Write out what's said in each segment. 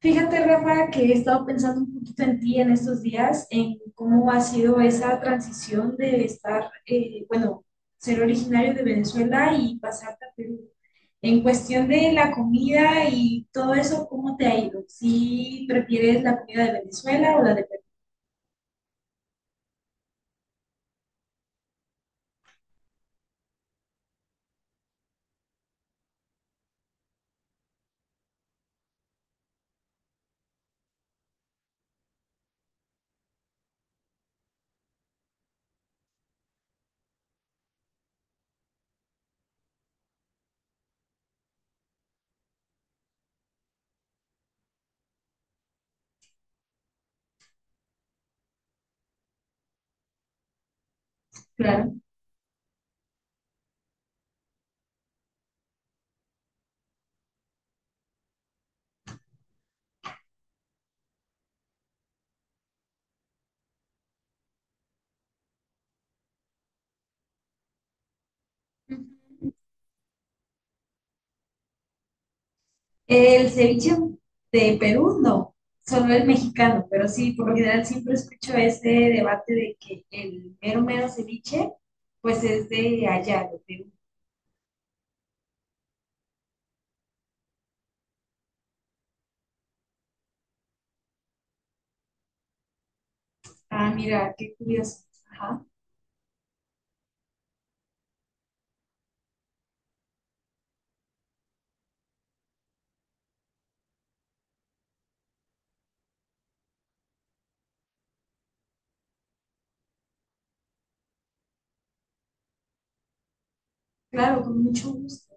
Fíjate, Rafa, que he estado pensando un poquito en ti en estos días, en cómo ha sido esa transición de estar, bueno, ser originario de Venezuela y pasarte a Perú. En cuestión de la comida y todo eso, ¿cómo te ha ido? ¿Si prefieres la comida de Venezuela o la de Perú? Claro. Ujú. El ceviche de Perú, no, solo el mexicano, pero sí, por lo general siempre escucho ese debate de que el mero mero ceviche, pues es de allá, de Perú. Ah, mira, qué curioso. Ajá, claro, con mucho gusto.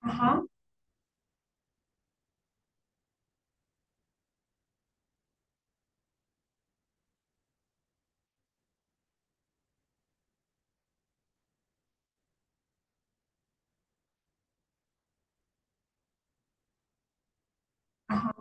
Ajá, ajá.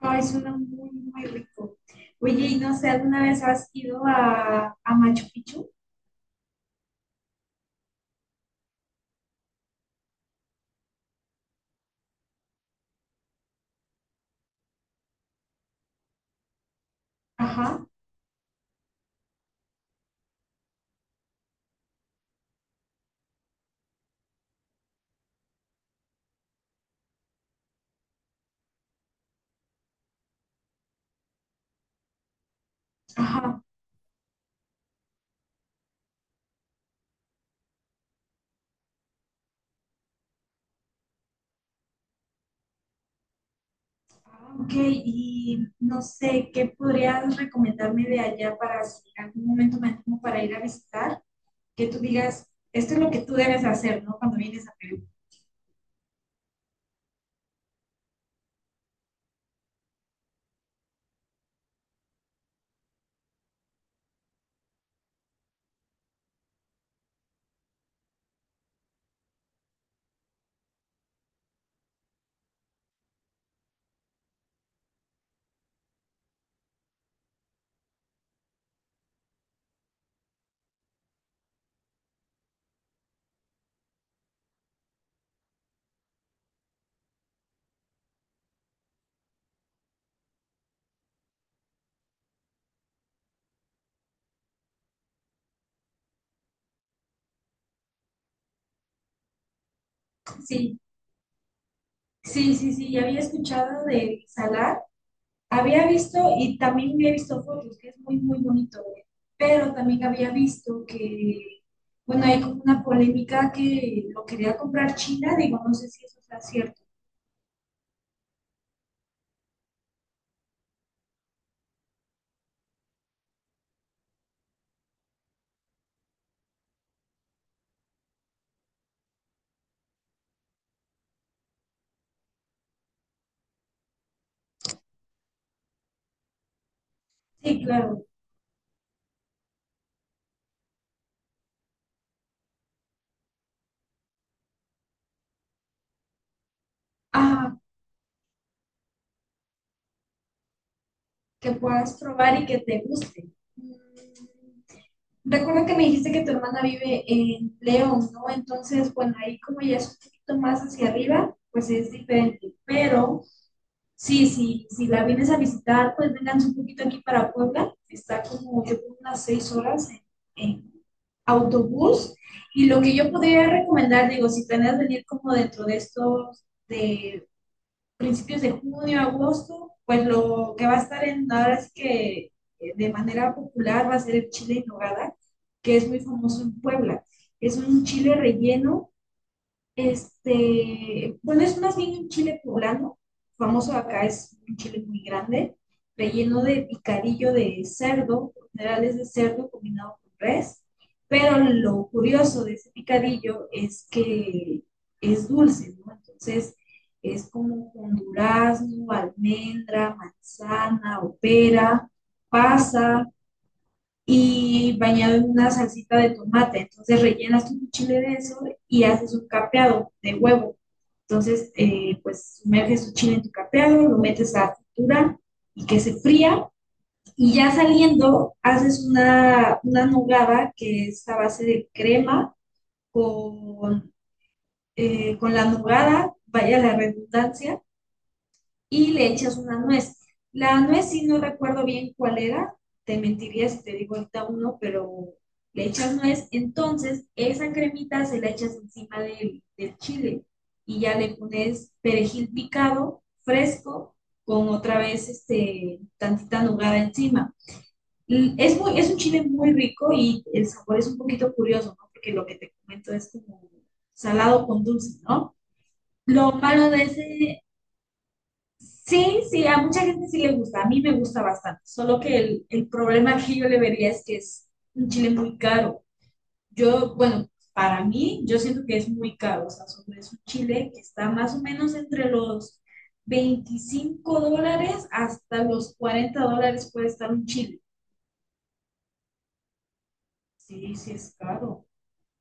Ay, suena muy, muy rico. Oye, y no sé, ¿alguna vez has ido a Machu Picchu? Ajá, ajá. Ah, ok, y no sé, ¿qué podrías recomendarme de allá para si en algún momento me animo para ir a visitar? Que tú digas, esto es lo que tú debes hacer, ¿no? Cuando vienes a Perú. Sí, sí, sí, sí, había escuchado de Salar, había visto y también había visto fotos, que es muy, muy bonito, ¿eh? Pero también había visto que, bueno, hay como una polémica que lo quería comprar China, digo, no sé si eso está cierto. Sí, claro. Ah, que puedas probar y que te guste. Mm. Recuerdo que me dijiste que tu hermana vive en León, ¿no? Entonces, bueno, ahí como ya es un poquito más hacia arriba, pues es diferente. Pero sí, sí, si la vienes a visitar, pues vénganse un poquito aquí para Puebla. Está como yo creo, unas 6 horas en autobús. Y lo que yo podría recomendar, digo, si planeas venir como dentro de estos de principios de junio, agosto, pues lo que va a estar en nada es que de manera popular va a ser el chile en nogada, que es muy famoso en Puebla. Es un chile relleno este, bueno, es más bien un chile poblano, famoso acá es un chile muy grande, relleno de picadillo de cerdo, por general es de cerdo combinado con res, pero lo curioso de ese picadillo es que es dulce, ¿no? Entonces es como con durazno, almendra, manzana, o pera pasa, y bañado en una salsita de tomate. Entonces rellenas tu chile de eso y haces un capeado de huevo. Entonces, pues sumerges tu chile en tu capeado, lo metes a fritura y que se fría. Y ya saliendo, haces una nogada que es a base de crema con, con la nogada, vaya la redundancia, y le echas una nuez. La nuez, si no recuerdo bien cuál era, te mentiría si te digo ahorita uno, pero le echas nuez, entonces esa cremita se la echas encima del, del chile y ya le pones perejil picado, fresco, con otra vez este, tantita nugada encima. Es, muy, es un chile muy rico y el sabor es un poquito curioso, ¿no? Porque lo que te comento es como salado con dulce, ¿no? Lo malo de ese, sí, sí, a mucha gente sí le gusta, a mí me gusta bastante, solo que el problema que yo le vería es que es un chile muy caro. Yo, bueno, para mí, yo siento que es muy caro, o sea, sobre- es un chile que está más o menos entre los $25 hasta los $40 puede estar un chile. Sí, sí es caro.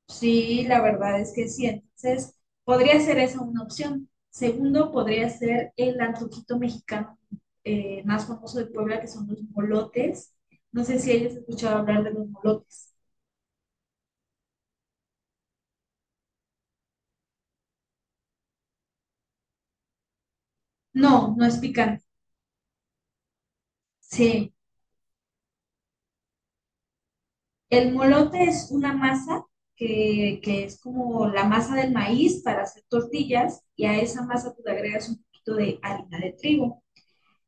Sí, la verdad es que sí. Entonces, podría ser esa una opción. Segundo, podría ser el antojito mexicano más famoso de Puebla, que son los molotes. No sé si hayas escuchado hablar de los molotes. No, no es picante. Sí, el molote es una masa que es como la masa del maíz para hacer tortillas y a esa masa tú le agregas un poquito de harina de trigo.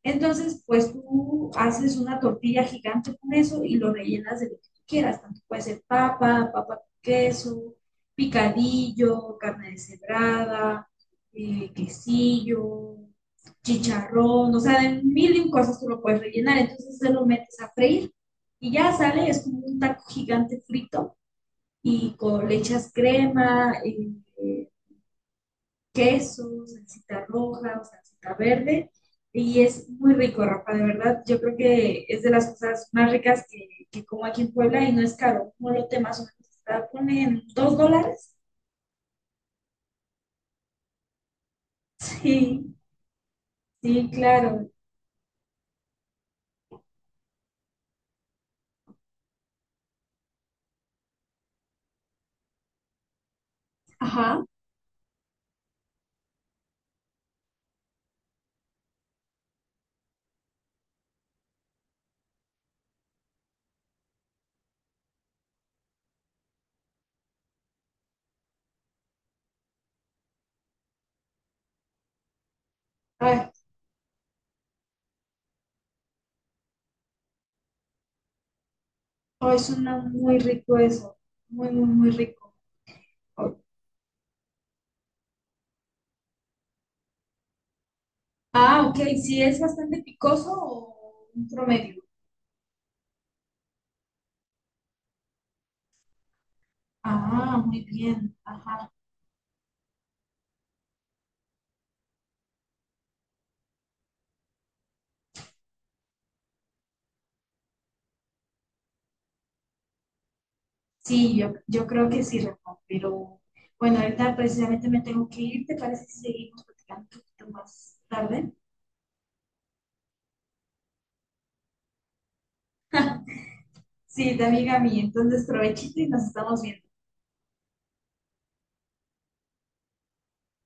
Entonces, pues tú haces una tortilla gigante con eso y lo rellenas de lo que tú quieras. Tanto puede ser papa, papa con queso, picadillo, carne deshebrada, quesillo, chicharrón, o sea, de mil y un cosas tú lo puedes rellenar. Entonces se lo metes a freír y ya sale, es como un taco gigante frito y con, le echas crema, queso, salsita roja o salsita verde. Y es muy rico, Rafa, de verdad. Yo creo que es de las cosas más ricas que como aquí en Puebla y no es caro. Como lo te más o menos está, ponen $2. Sí, sí, claro. Ajá. Ay, oh, suena muy rico eso. Muy, muy, muy rico. Ah, ok. Sí, es bastante picoso o un promedio. Ah, muy bien. Ajá. Sí, yo creo que sí, Rafa, pero bueno, ahorita precisamente me tengo que ir, ¿te parece si seguimos platicando un poquito más tarde? Sí, de amiga mía, entonces provechito y nos estamos viendo.